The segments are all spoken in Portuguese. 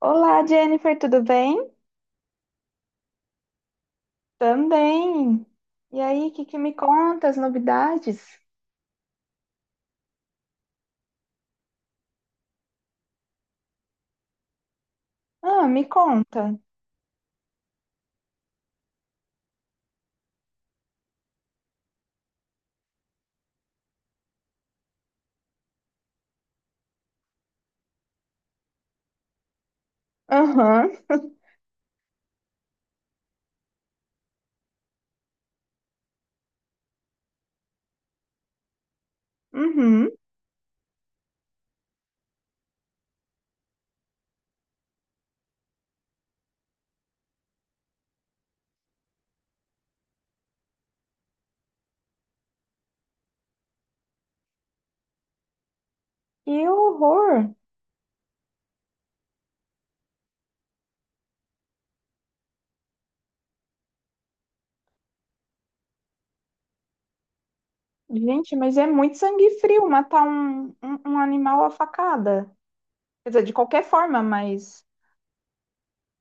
Olá, Jennifer, tudo bem? Também. E aí, o que me conta as novidades? Ah, me conta. Aham, uhum. Que horror. Gente, mas é muito sangue frio matar um animal à facada. Quer dizer, de qualquer forma, mas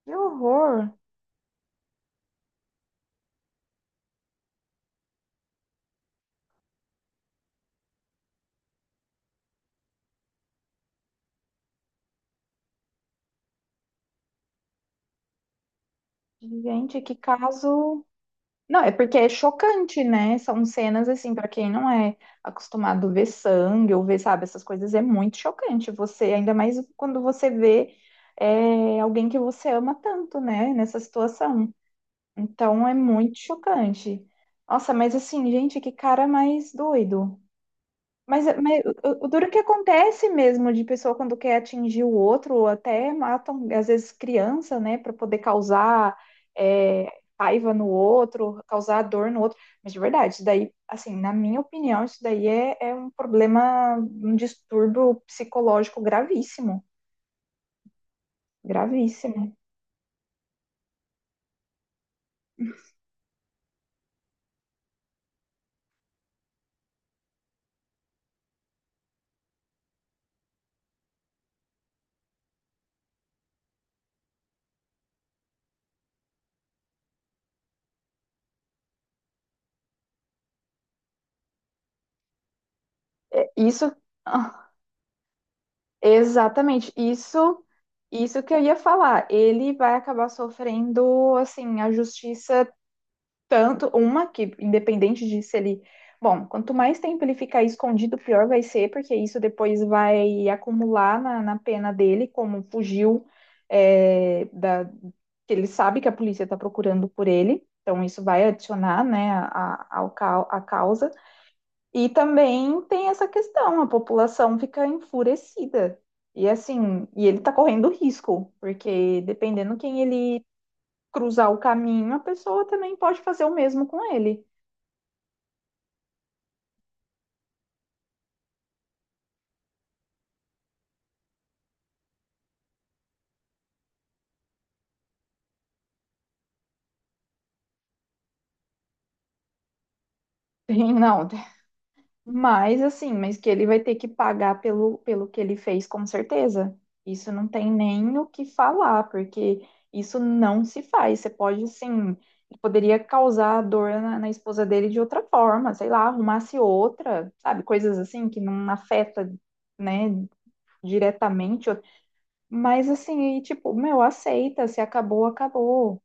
que horror. Gente, que caso. Não, é porque é chocante, né? São cenas assim, pra quem não é acostumado a ver sangue ou ver, sabe, essas coisas, é muito chocante. Você, ainda mais quando você vê alguém que você ama tanto, né, nessa situação. Então é muito chocante. Nossa, mas assim, gente, que cara mais doido. Mas, mas o duro que acontece mesmo de pessoa quando quer atingir o outro, ou até matam, às vezes, criança, né, para poder causar é, raiva no outro, causar dor no outro. Mas de verdade, isso daí, assim, na minha opinião, isso daí é um problema, um distúrbio psicológico gravíssimo, gravíssimo. Isso, ah, exatamente, isso que eu ia falar. Ele vai acabar sofrendo, assim, a justiça tanto uma que, independente de se ele. Bom, quanto mais tempo ele ficar escondido, pior vai ser, porque isso depois vai acumular na pena dele, como fugiu, que ele sabe que a polícia está procurando por ele. Então, isso vai adicionar, né, ao, a causa. E também tem essa questão, a população fica enfurecida. E assim, e ele está correndo risco, porque dependendo quem ele cruzar o caminho, a pessoa também pode fazer o mesmo com ele. Tem, não. tem- Mas assim, mas que ele vai ter que pagar pelo, pelo que ele fez, com certeza. Isso não tem nem o que falar, porque isso não se faz. Você pode, assim, poderia causar dor na esposa dele de outra forma, sei lá, arrumasse outra, sabe? Coisas assim que não afeta, né, diretamente. Mas assim, e, tipo, meu, aceita, se acabou, acabou,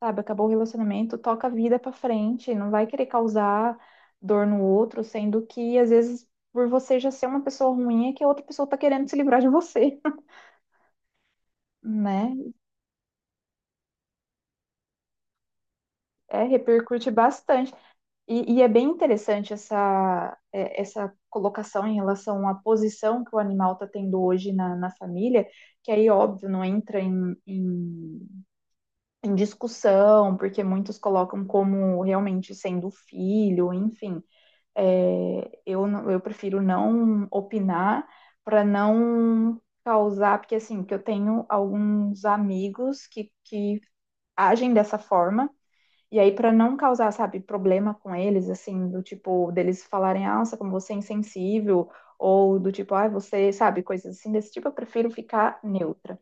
sabe? Acabou o relacionamento, toca a vida pra frente, não vai querer causar dor no outro, sendo que às vezes por você já ser uma pessoa ruim é que a outra pessoa tá querendo se livrar de você, né? É, repercute bastante. E é bem interessante essa, essa colocação em relação à posição que o animal tá tendo hoje na família, que aí, óbvio, não entra em discussão, porque muitos colocam como realmente sendo filho, enfim. Eu prefiro não opinar para não causar, porque assim, que eu tenho alguns amigos que agem dessa forma, e aí para não causar, sabe, problema com eles, assim, do tipo, deles falarem, ah, nossa, como você é insensível, ou do tipo, ah, você, sabe, coisas assim desse tipo, eu prefiro ficar neutra.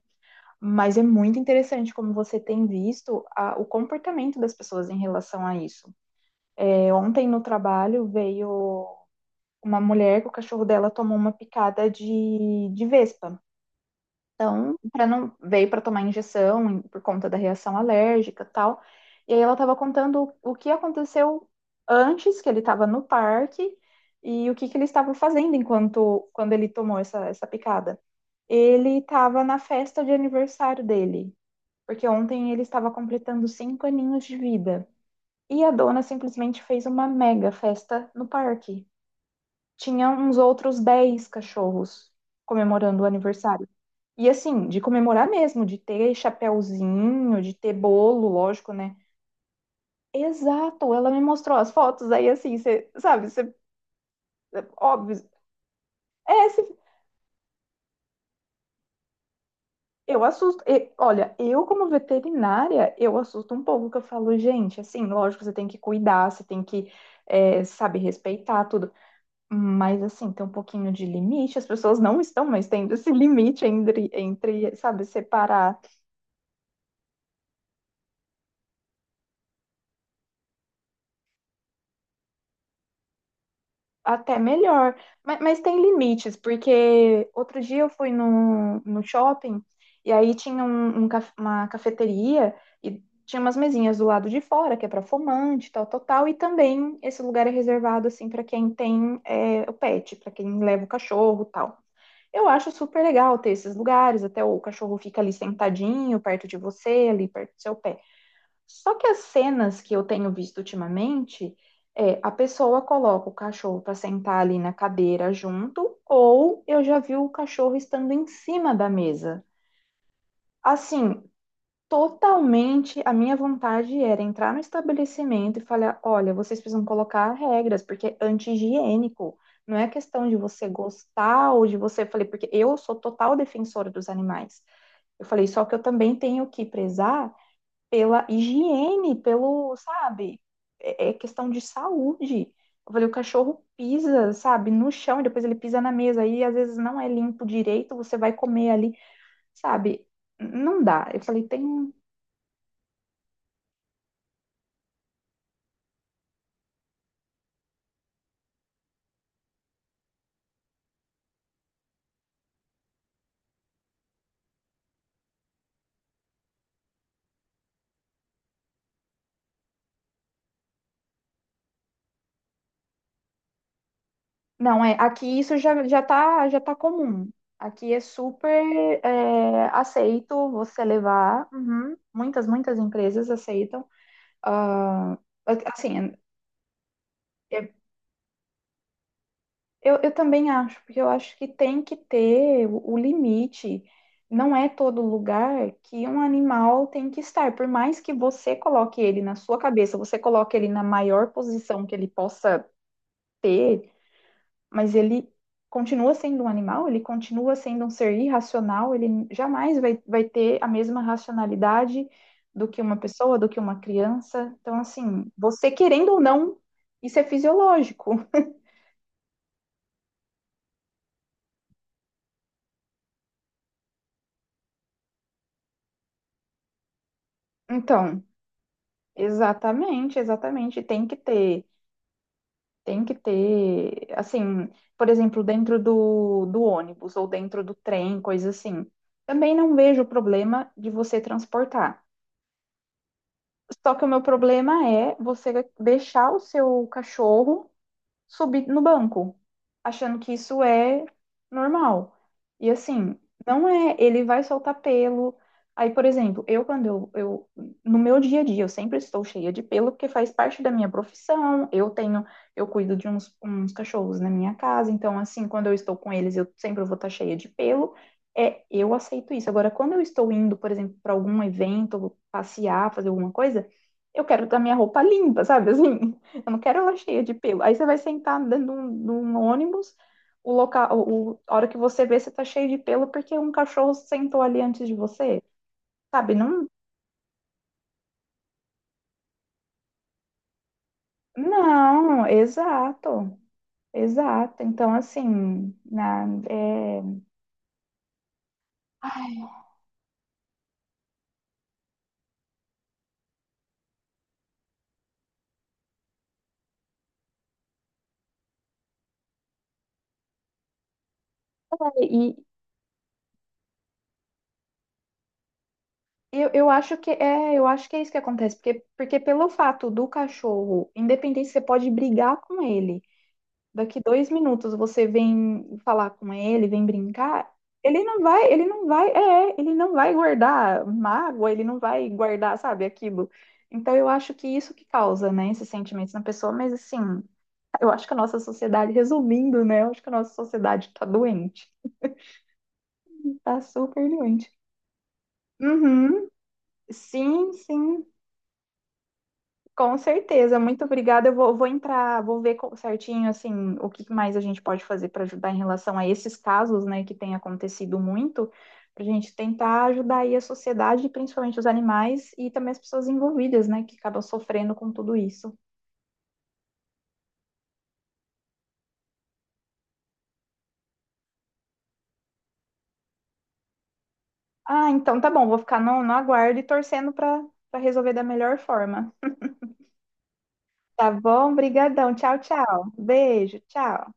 Mas é muito interessante como você tem visto o comportamento das pessoas em relação a isso. É, ontem no trabalho veio uma mulher que o cachorro dela tomou uma picada de vespa. Então, para não veio para tomar injeção por conta da reação alérgica, e tal. E aí ela estava contando o que aconteceu antes que ele estava no parque e o que ele estava fazendo enquanto quando ele tomou essa picada. Ele estava na festa de aniversário dele, porque ontem ele estava completando 5 aninhos de vida. E a dona simplesmente fez uma mega festa no parque, tinha uns outros 10 cachorros comemorando o aniversário. E assim, de comemorar mesmo, de ter chapéuzinho, de ter bolo, lógico, né? Exato, ela me mostrou as fotos, aí assim, você sabe, você óbvio. É, cê- eu assusto. E, olha, eu como veterinária, eu assusto um pouco, que eu falo, gente, assim, lógico, você tem que cuidar, você tem que, sabe, respeitar tudo. Mas assim, tem um pouquinho de limite, as pessoas não estão mais tendo esse limite sabe, separar. Até melhor. Mas tem limites, porque outro dia eu fui no shopping e aí tinha um, uma cafeteria e tinha umas mesinhas do lado de fora, que é para fumante, tal, tal, tal. E também esse lugar é reservado, assim, para quem tem o pet, para quem leva o cachorro, tal. Eu acho super legal ter esses lugares, até o cachorro fica ali sentadinho, perto de você, ali perto do seu pet. Só que as cenas que eu tenho visto ultimamente é a pessoa coloca o cachorro para sentar ali na cadeira junto, ou eu já vi o cachorro estando em cima da mesa. Assim, totalmente a minha vontade era entrar no estabelecimento e falar: olha, vocês precisam colocar regras, porque é anti-higiênico. Não é questão de você gostar ou de você. Eu falei, porque eu sou total defensora dos animais. Eu falei, só que eu também tenho que prezar pela higiene, pelo, sabe, é questão de saúde. Eu falei, o cachorro pisa, sabe, no chão e depois ele pisa na mesa aí às vezes não é limpo direito, você vai comer ali, sabe? Não dá. Eu falei, tem, um, não é, aqui isso já tá já tá comum. Aqui é super aceito você levar. Uhum. Muitas empresas aceitam. Ah, assim, é, eu também acho, porque eu acho que tem que ter o limite. Não é todo lugar que um animal tem que estar. Por mais que você coloque ele na sua cabeça, você coloque ele na maior posição que ele possa ter, mas ele continua sendo um animal, ele continua sendo um ser irracional, ele jamais vai, vai ter a mesma racionalidade do que uma pessoa, do que uma criança. Então, assim, você querendo ou não, isso é fisiológico. Então. Exatamente, exatamente. Tem que ter, assim, por exemplo, dentro do ônibus ou dentro do trem, coisa assim. Também não vejo problema de você transportar. Só que o meu problema é você deixar o seu cachorro subir no banco, achando que isso é normal. E assim, não é, ele vai soltar pelo. Aí, por exemplo, eu quando eu no meu dia a dia, eu sempre estou cheia de pelo porque faz parte da minha profissão. Eu tenho, eu cuido de uns, uns cachorros na minha casa, então assim, quando eu estou com eles, eu sempre vou estar cheia de pelo. É, eu aceito isso. Agora, quando eu estou indo, por exemplo, para algum evento, passear, fazer alguma coisa, eu quero ter a minha roupa limpa, sabe? Assim, eu não quero ela cheia de pelo. Aí você vai sentar dentro de um ônibus, o local, o, a hora que você vê, você tá cheio de pelo porque um cachorro sentou ali antes de você. Sabe? Não, não, exato. Exato. Então, assim, na, é... Ai, é, e eu acho que é, eu acho que é isso que acontece, porque, porque pelo fato do cachorro, independente, você pode brigar com ele. Daqui 2 minutos você vem falar com ele, vem brincar, ele não vai, ele não vai, ele não vai guardar mágoa, ele não vai guardar, sabe, aquilo. Então eu acho que isso que causa, né, esses sentimentos na pessoa, mas assim, eu acho que a nossa sociedade, resumindo, né, eu acho que a nossa sociedade tá doente, tá super doente. Uhum, sim, sim. Com certeza, muito obrigada. Eu vou, vou entrar, vou ver certinho assim o que mais a gente pode fazer para ajudar em relação a esses casos, né, que tem acontecido muito, para a gente tentar ajudar aí a sociedade, principalmente os animais e também as pessoas envolvidas, né, que acabam sofrendo com tudo isso. Ah, então tá bom, vou ficar no aguardo e torcendo para para resolver da melhor forma. Tá bom? Obrigadão. Tchau, tchau. Beijo, tchau.